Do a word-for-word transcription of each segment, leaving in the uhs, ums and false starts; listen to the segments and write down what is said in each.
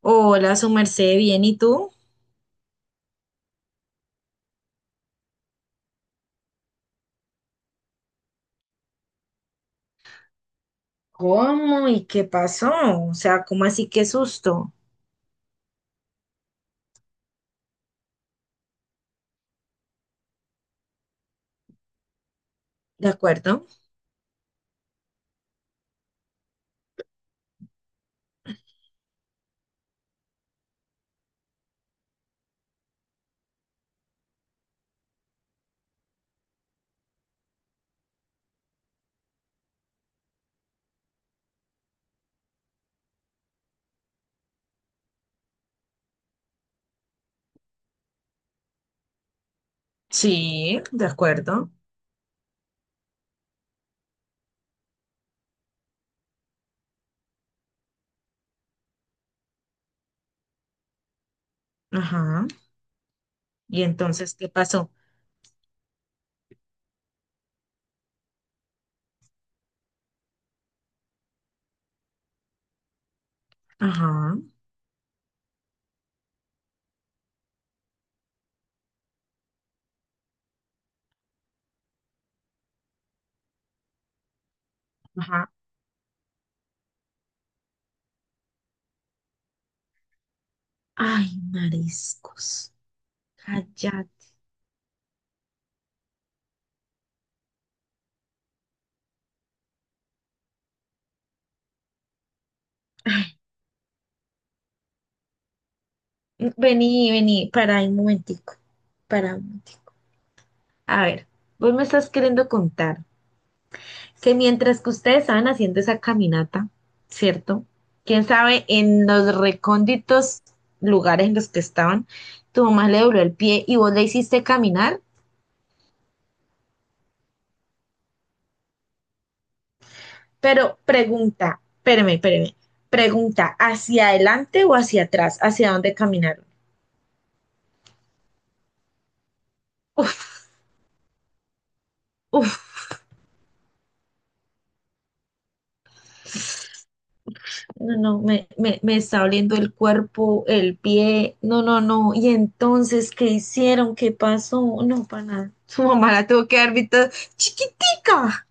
Hola, su merced, bien, ¿y tú? ¿Cómo y qué pasó? O sea, ¿cómo así qué susto? ¿De acuerdo? Sí, de acuerdo. Ajá. ¿Y entonces qué pasó? Ajá, ajá. Ay, mariscos. Cállate. Ay, vení, vení, para un momentico. Para un momentico. A ver, vos me estás queriendo contar que mientras que ustedes estaban haciendo esa caminata, ¿cierto? Quién sabe, en los recónditos lugares en los que estaban, tu mamá le dobló el pie y vos le hiciste caminar. Pero pregunta, espérame, espérame, pregunta, ¿hacia adelante o hacia atrás? ¿Hacia dónde caminaron? Uf, uf, no, no, me, me, me está oliendo el cuerpo, el pie, no, no, no. Y entonces, ¿qué hicieron? ¿Qué pasó? No, para nada. Su mamá la tuvo que dar visto chiquitica.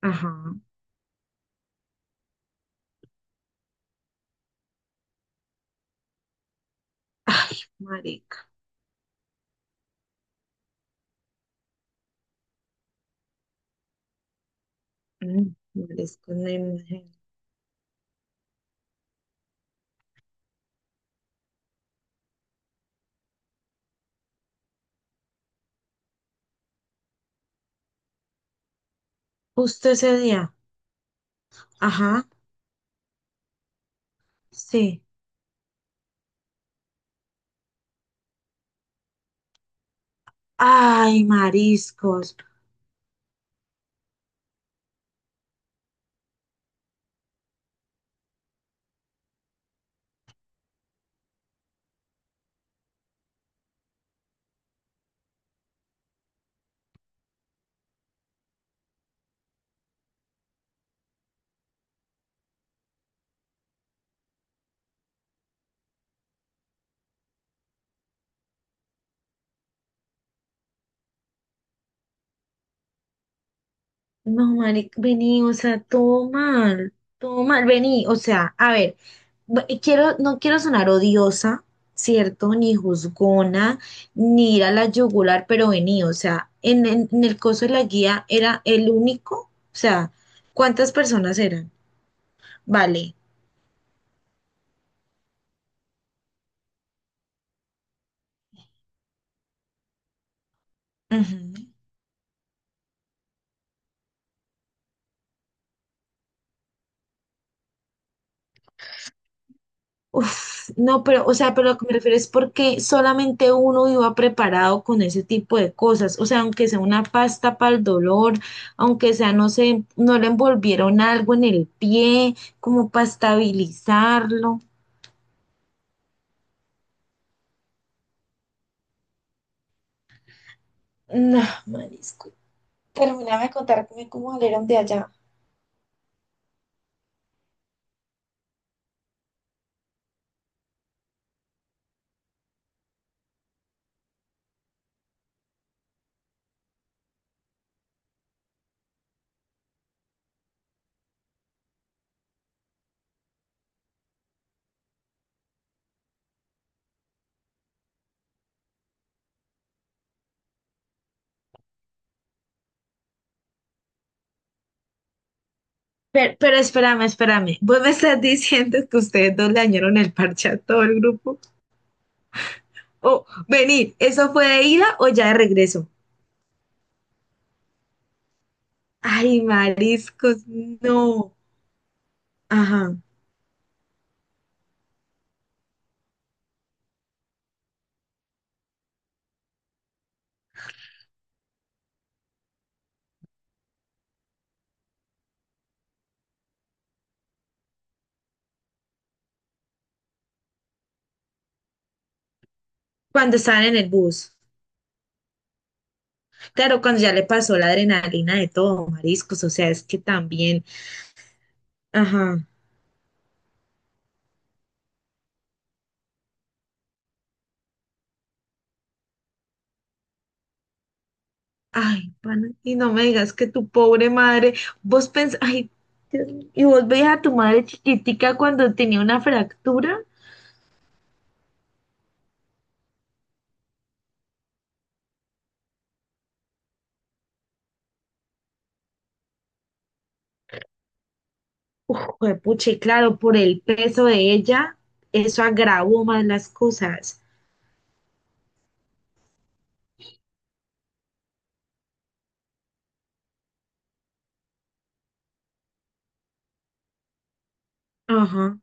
Ajá. Ay, marica. Mm, Marisco, no imagino. Justo ese día. Ajá, sí. Ay, mariscos. No, marica, vení, o sea, todo mal. Todo mal, vení. O sea, a ver, b- quiero, no quiero sonar odiosa, ¿cierto? Ni juzgona, ni ir a la yugular, pero vení, o sea, en, en en el coso de la guía era el único. O sea, ¿cuántas personas eran? Vale. Ujú. Uf, no, pero, o sea, pero lo que me refiero es porque solamente uno iba preparado con ese tipo de cosas. O sea, aunque sea una pasta para el dolor, aunque sea, no sé, no le envolvieron algo en el pie, como para estabilizarlo. No, marisco. Terminaba de contarme cómo salieron de allá. Pero, pero espérame, espérame. ¿Vos me estás diciendo que ustedes dos le dañaron el parche a todo el grupo? Oh, vení, ¿eso fue de ida o ya de regreso? Ay, mariscos, no. Ajá, cuando estaban en el bus. Claro, cuando ya le pasó la adrenalina de todo, mariscos, o sea, es que también, ajá, ay, pana, y no me digas que tu pobre madre, vos pensás, ay, Dios mío, y vos veías a tu madre chiquitica cuando tenía una fractura. Uf, puche, claro, por el peso de ella, eso agravó más las cosas. Ajá.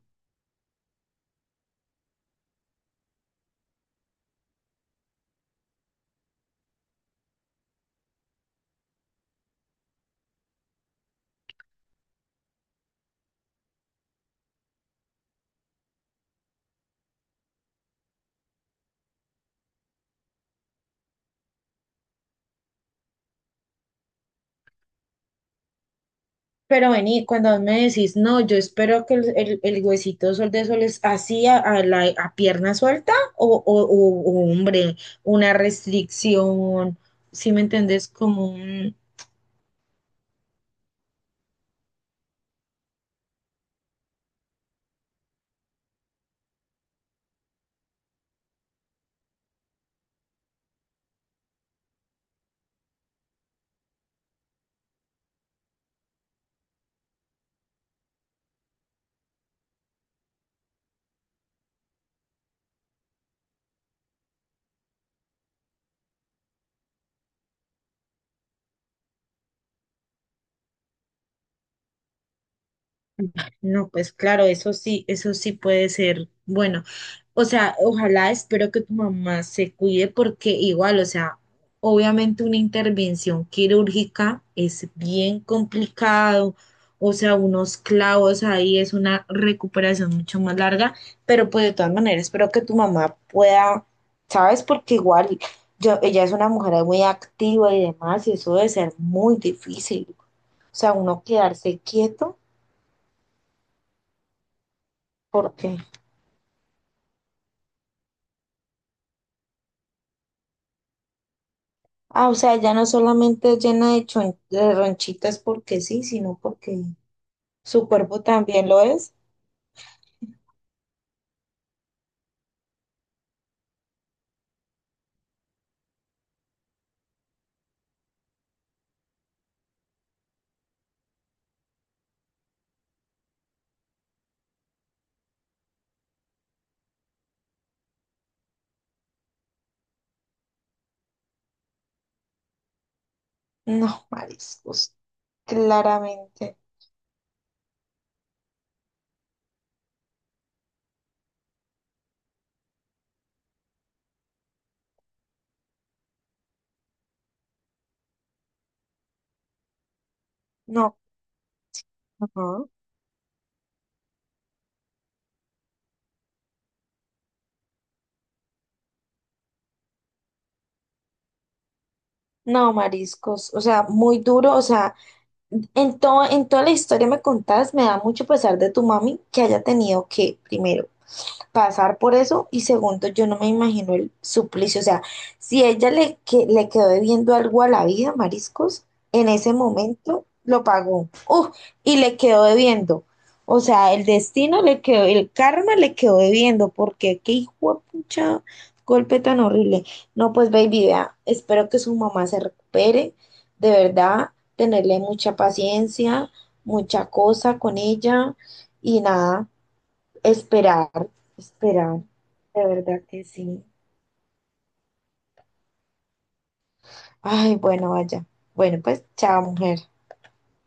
Pero vení, cuando me decís, no, yo espero que el, el- el huesito sol de sol es así a, a la, a pierna suelta o, o- o- o, hombre, una restricción, ¿si me entendés? Como un... No, pues claro, eso sí, eso sí puede ser bueno. O sea, ojalá, espero que tu mamá se cuide porque igual, o sea, obviamente una intervención quirúrgica es bien complicado, o sea, unos clavos ahí es una recuperación mucho más larga, pero pues de todas maneras espero que tu mamá pueda, ¿sabes? Porque igual yo, ella es una mujer muy activa y demás, y eso debe ser muy difícil. O sea, uno quedarse quieto porque... Ah, o sea, ya no solamente es llena de, chon- de ronchitas porque sí, sino porque su cuerpo también lo es. No, mariscos, claramente. No, ajá, no, mariscos. O sea, muy duro. O sea, en todo, en toda la historia me contás, me da mucho pesar de tu mami que haya tenido que, primero, pasar por eso y segundo, yo no me imagino el suplicio, o sea, si ella le, que, le quedó debiendo algo a la vida, mariscos, en ese momento lo pagó. ¡Uf! Y le quedó debiendo. O sea, el destino le quedó, el karma le quedó debiendo, porque qué hijo de pucha golpe tan horrible. No, pues baby, vea, espero que su mamá se recupere, de verdad, tenerle mucha paciencia, mucha cosa con ella y nada. Esperar, esperar. De verdad que sí. Ay, bueno, vaya. Bueno, pues chao, mujer.